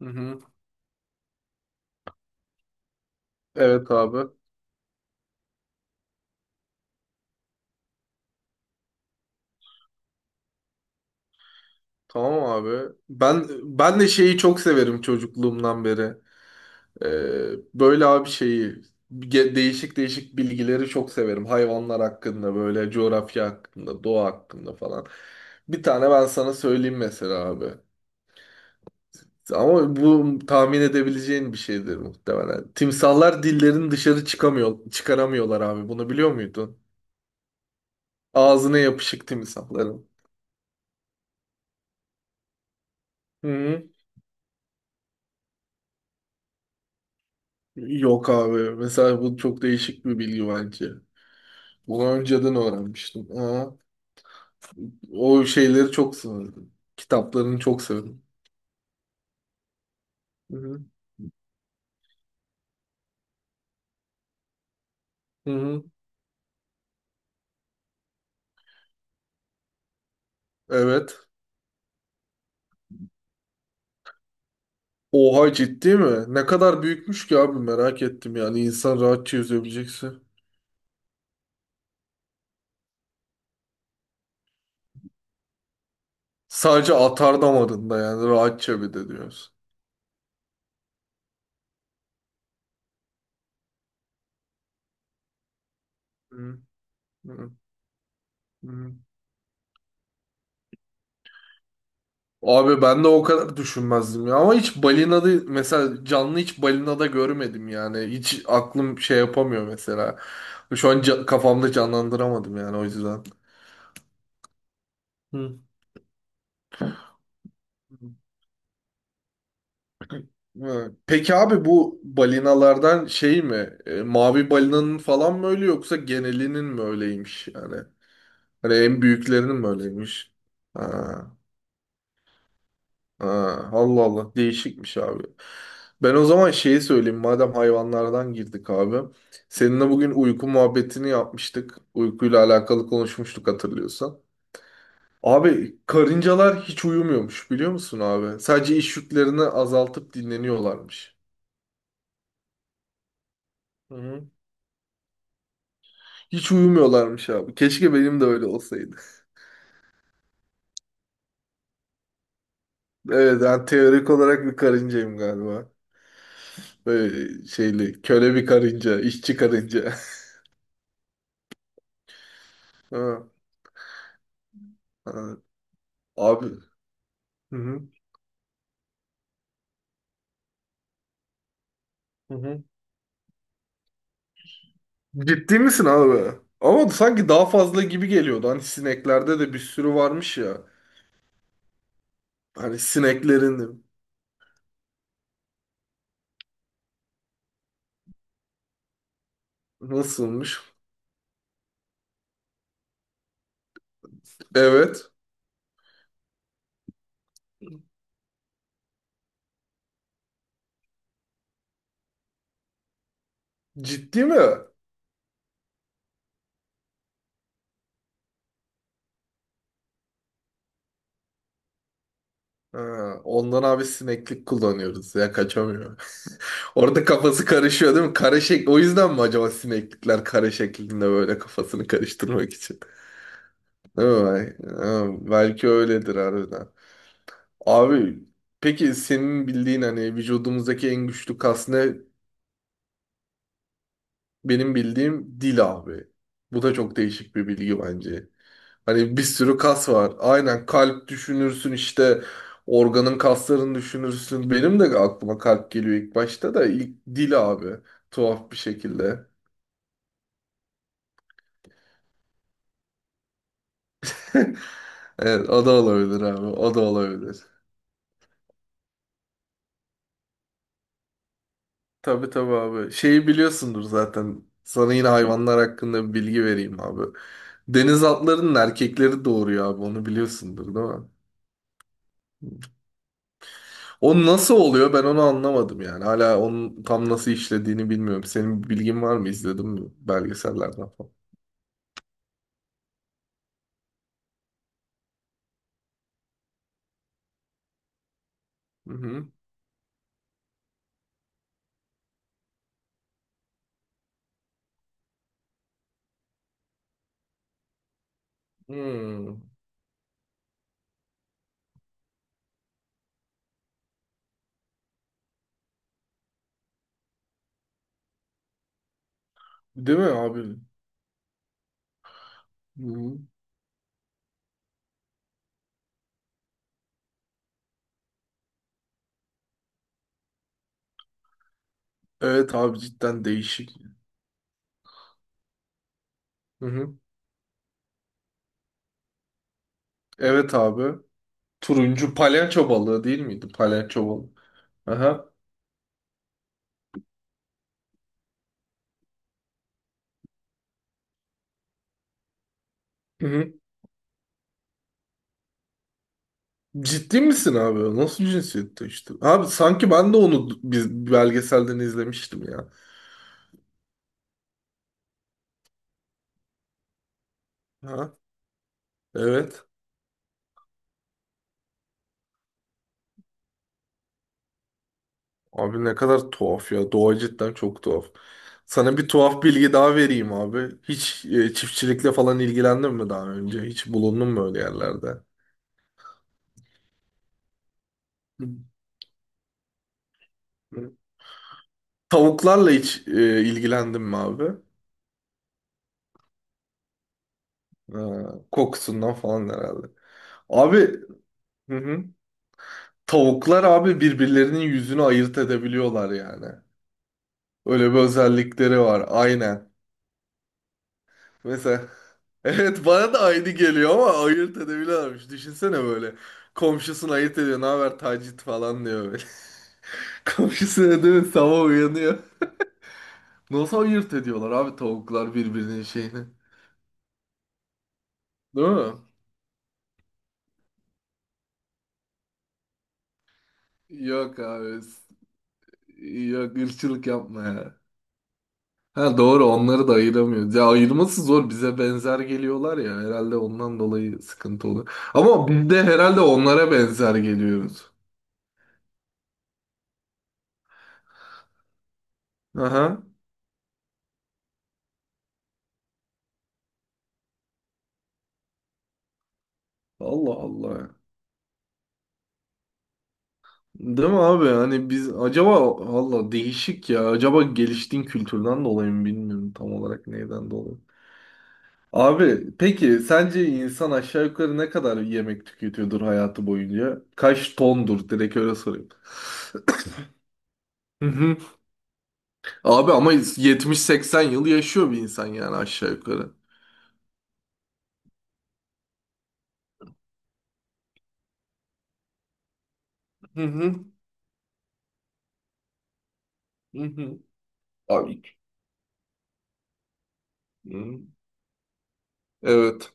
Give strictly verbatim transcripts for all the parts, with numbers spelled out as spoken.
Hı hı. Evet abi. Tamam abi. Ben ben de şeyi çok severim çocukluğumdan beri. Ee, Böyle abi şeyi ge- değişik değişik bilgileri çok severim. Hayvanlar hakkında böyle coğrafya hakkında, doğa hakkında falan. Bir tane ben sana söyleyeyim mesela abi. Ama bu tahmin edebileceğin bir şeydir muhtemelen. Timsahlar dillerini dışarı çıkamıyor, çıkaramıyorlar abi. Bunu biliyor muydun? Ağzına yapışık timsahların. Hı hı. Yok abi. Mesela bu çok değişik bir bilgi bence. Bunu önceden öğrenmiştim. Ha, o şeyleri çok severdim. Kitaplarını çok severim. Hı hı. Hı hı. Evet. Oha, ciddi mi? Ne kadar büyükmüş ki abi, merak ettim yani. İnsan rahatça yüzebilecekse. Sadece atardamarında yani rahatça bir de diyorsun. Hı. Hı hı. Abi ben de o kadar düşünmezdim ya. Ama hiç balinada mesela, canlı hiç balinada görmedim yani. Hiç aklım şey yapamıyor mesela. Şu an ca- kafamda canlandıramadım yani o yüzden. Hı. Hı. Peki abi, bu balinalardan şey mi? E, mavi balinanın falan mı öyle, yoksa genelinin mi öyleymiş yani? Hani en büyüklerinin mi öyleymiş? Ha. Ha, Allah Allah, değişikmiş abi. Ben o zaman şeyi söyleyeyim madem hayvanlardan girdik abi. Seninle bugün uyku muhabbetini yapmıştık. Uykuyla alakalı konuşmuştuk, hatırlıyorsan. Abi karıncalar hiç uyumuyormuş, biliyor musun abi? Sadece iş yüklerini azaltıp dinleniyorlarmış. Hı hı. Hiç uyumuyorlarmış abi. Keşke benim de öyle olsaydı. Evet, ben teorik olarak bir karıncayım galiba. Böyle şeyli köle bir karınca, işçi karınca. Ha, ha. Abi. Hı hı. Hı hı. Ciddi misin abi? Ama sanki daha fazla gibi geliyordu. Hani sineklerde de bir sürü varmış ya. Hani sineklerin nasılmış? Evet. Ciddi mi? Ha, ondan abi sineklik kullanıyoruz ya, kaçamıyor. Orada kafası karışıyor değil mi? Kare şek- o yüzden mi acaba sineklikler kare şeklinde, böyle kafasını karıştırmak için? Değil mi? Ha, belki öyledir harbiden. Abi, peki senin bildiğin hani vücudumuzdaki en güçlü kas ne? Benim bildiğim dil abi. Bu da çok değişik bir bilgi bence. Hani bir sürü kas var. Aynen, kalp düşünürsün işte, organın kaslarını düşünürsün. Benim de aklıma kalp geliyor ilk başta da, ilk dil abi. Tuhaf bir şekilde. Evet, o da olabilir abi. O da olabilir. Tabii tabii abi. Şeyi biliyorsundur zaten. Sana yine hayvanlar hakkında bir bilgi vereyim abi. Deniz atlarının erkekleri doğuruyor abi. Onu biliyorsundur değil mi? O nasıl oluyor, ben onu anlamadım yani. Hala onun tam nasıl işlediğini bilmiyorum. Senin bir bilgin var mı? İzledin mi belgesellerden falan? Hı hı. Hmm. Değil mi abi? Hı hı. Evet abi, cidden değişik. Hı hı. Evet abi. Turuncu palyaço balığı değil miydi? Palyaço balığı. Aha. Hı hı. Ciddi misin abi? O nasıl cinsiyette işte? Abi sanki ben de onu biz belgeselden izlemiştim ya. Ha? Evet. Abi ne kadar tuhaf ya. Doğa cidden çok tuhaf. Sana bir tuhaf bilgi daha vereyim abi. Hiç e, çiftçilikle falan ilgilendin mi daha önce? Hiç bulundun mu öyle yerlerde? Hı. Tavuklarla hiç e, ilgilendin mi abi? Ha, kokusundan falan herhalde. Abi hı hı. Tavuklar abi birbirlerinin yüzünü ayırt edebiliyorlar yani. Öyle bir özellikleri var. Aynen. Mesela evet, bana da aynı geliyor ama ayırt edebiliyorlarmış. Düşünsene böyle. Komşusunu ayırt ediyor. Ne haber tacit falan diyor böyle. Komşusuna değil mi? Sabah uyanıyor. Nasıl ayırt ediyorlar abi tavuklar birbirinin şeyini. Değil mi? Yok abi. S- Yok, ırkçılık yapma ya. Ha doğru, onları da ayıramıyoruz. Ya ayırması zor. Bize benzer geliyorlar ya. Herhalde ondan dolayı sıkıntı oluyor. Ama biz de herhalde onlara benzer geliyoruz. Aha. Allah Allah. Değil mi abi? Hani biz acaba, valla değişik ya. Acaba geliştiğin kültürden dolayı mı, bilmiyorum tam olarak neyden dolayı. Abi peki sence insan aşağı yukarı ne kadar yemek tüketiyordur hayatı boyunca? Kaç tondur? Direkt öyle sorayım. Hı hı. Abi ama yetmiş seksen yıl yaşıyor bir insan yani, aşağı yukarı. Hı hı. Hı hı. Abi. Hı. Evet.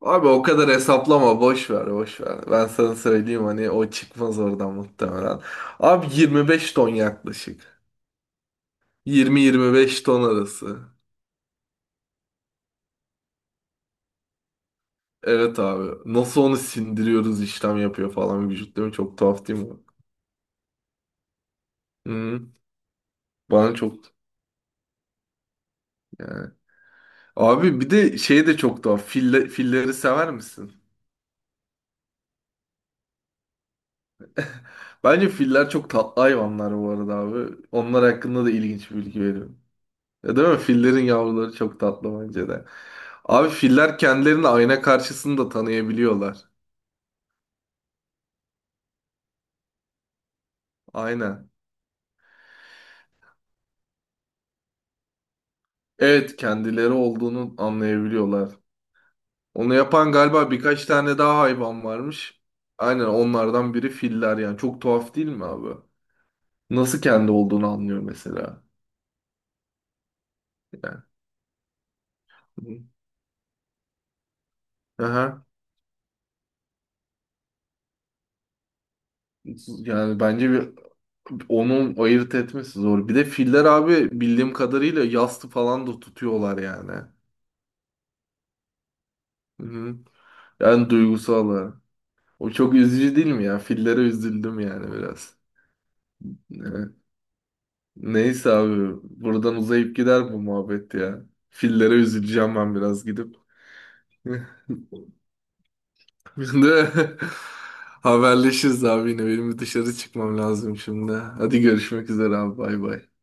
Abi o kadar hesaplama, boş ver boş ver. Ben sana söyleyeyim, hani o çıkmaz oradan muhtemelen. Abi yirmi beş ton yaklaşık. yirmi yirmi beş ton arası. Evet abi. Nasıl onu sindiriyoruz, işlem yapıyor falan vücut, değil mi? Çok tuhaf değil mi? Hı. Bana çok yani. Abi bir de şey de çok tuhaf. Fille, filleri sever misin? Bence filler çok tatlı hayvanlar bu arada abi. Onlar hakkında da ilginç bir bilgi veriyorum. Ya değil mi? Fillerin yavruları çok tatlı bence de. Abi filler kendilerini ayna karşısında tanıyabiliyorlar. Aynen. Evet, kendileri olduğunu anlayabiliyorlar. Onu yapan galiba birkaç tane daha hayvan varmış. Aynen, onlardan biri filler yani. Çok tuhaf değil mi abi? Nasıl kendi olduğunu anlıyor mesela. Yani. Aha. Yani bence bir onun ayırt etmesi zor. Bir de filler abi bildiğim kadarıyla yastı falan da tutuyorlar yani. Hı hı. En duygusalı. O çok üzücü değil mi ya? Fillere üzüldüm yani biraz. Evet. Neyse abi buradan uzayıp gider bu muhabbet ya. Fillere üzüleceğim ben biraz gidip. Şimdi haberleşiriz abi, yine benim bir dışarı çıkmam lazım şimdi. Hadi görüşmek üzere abi, bay bay.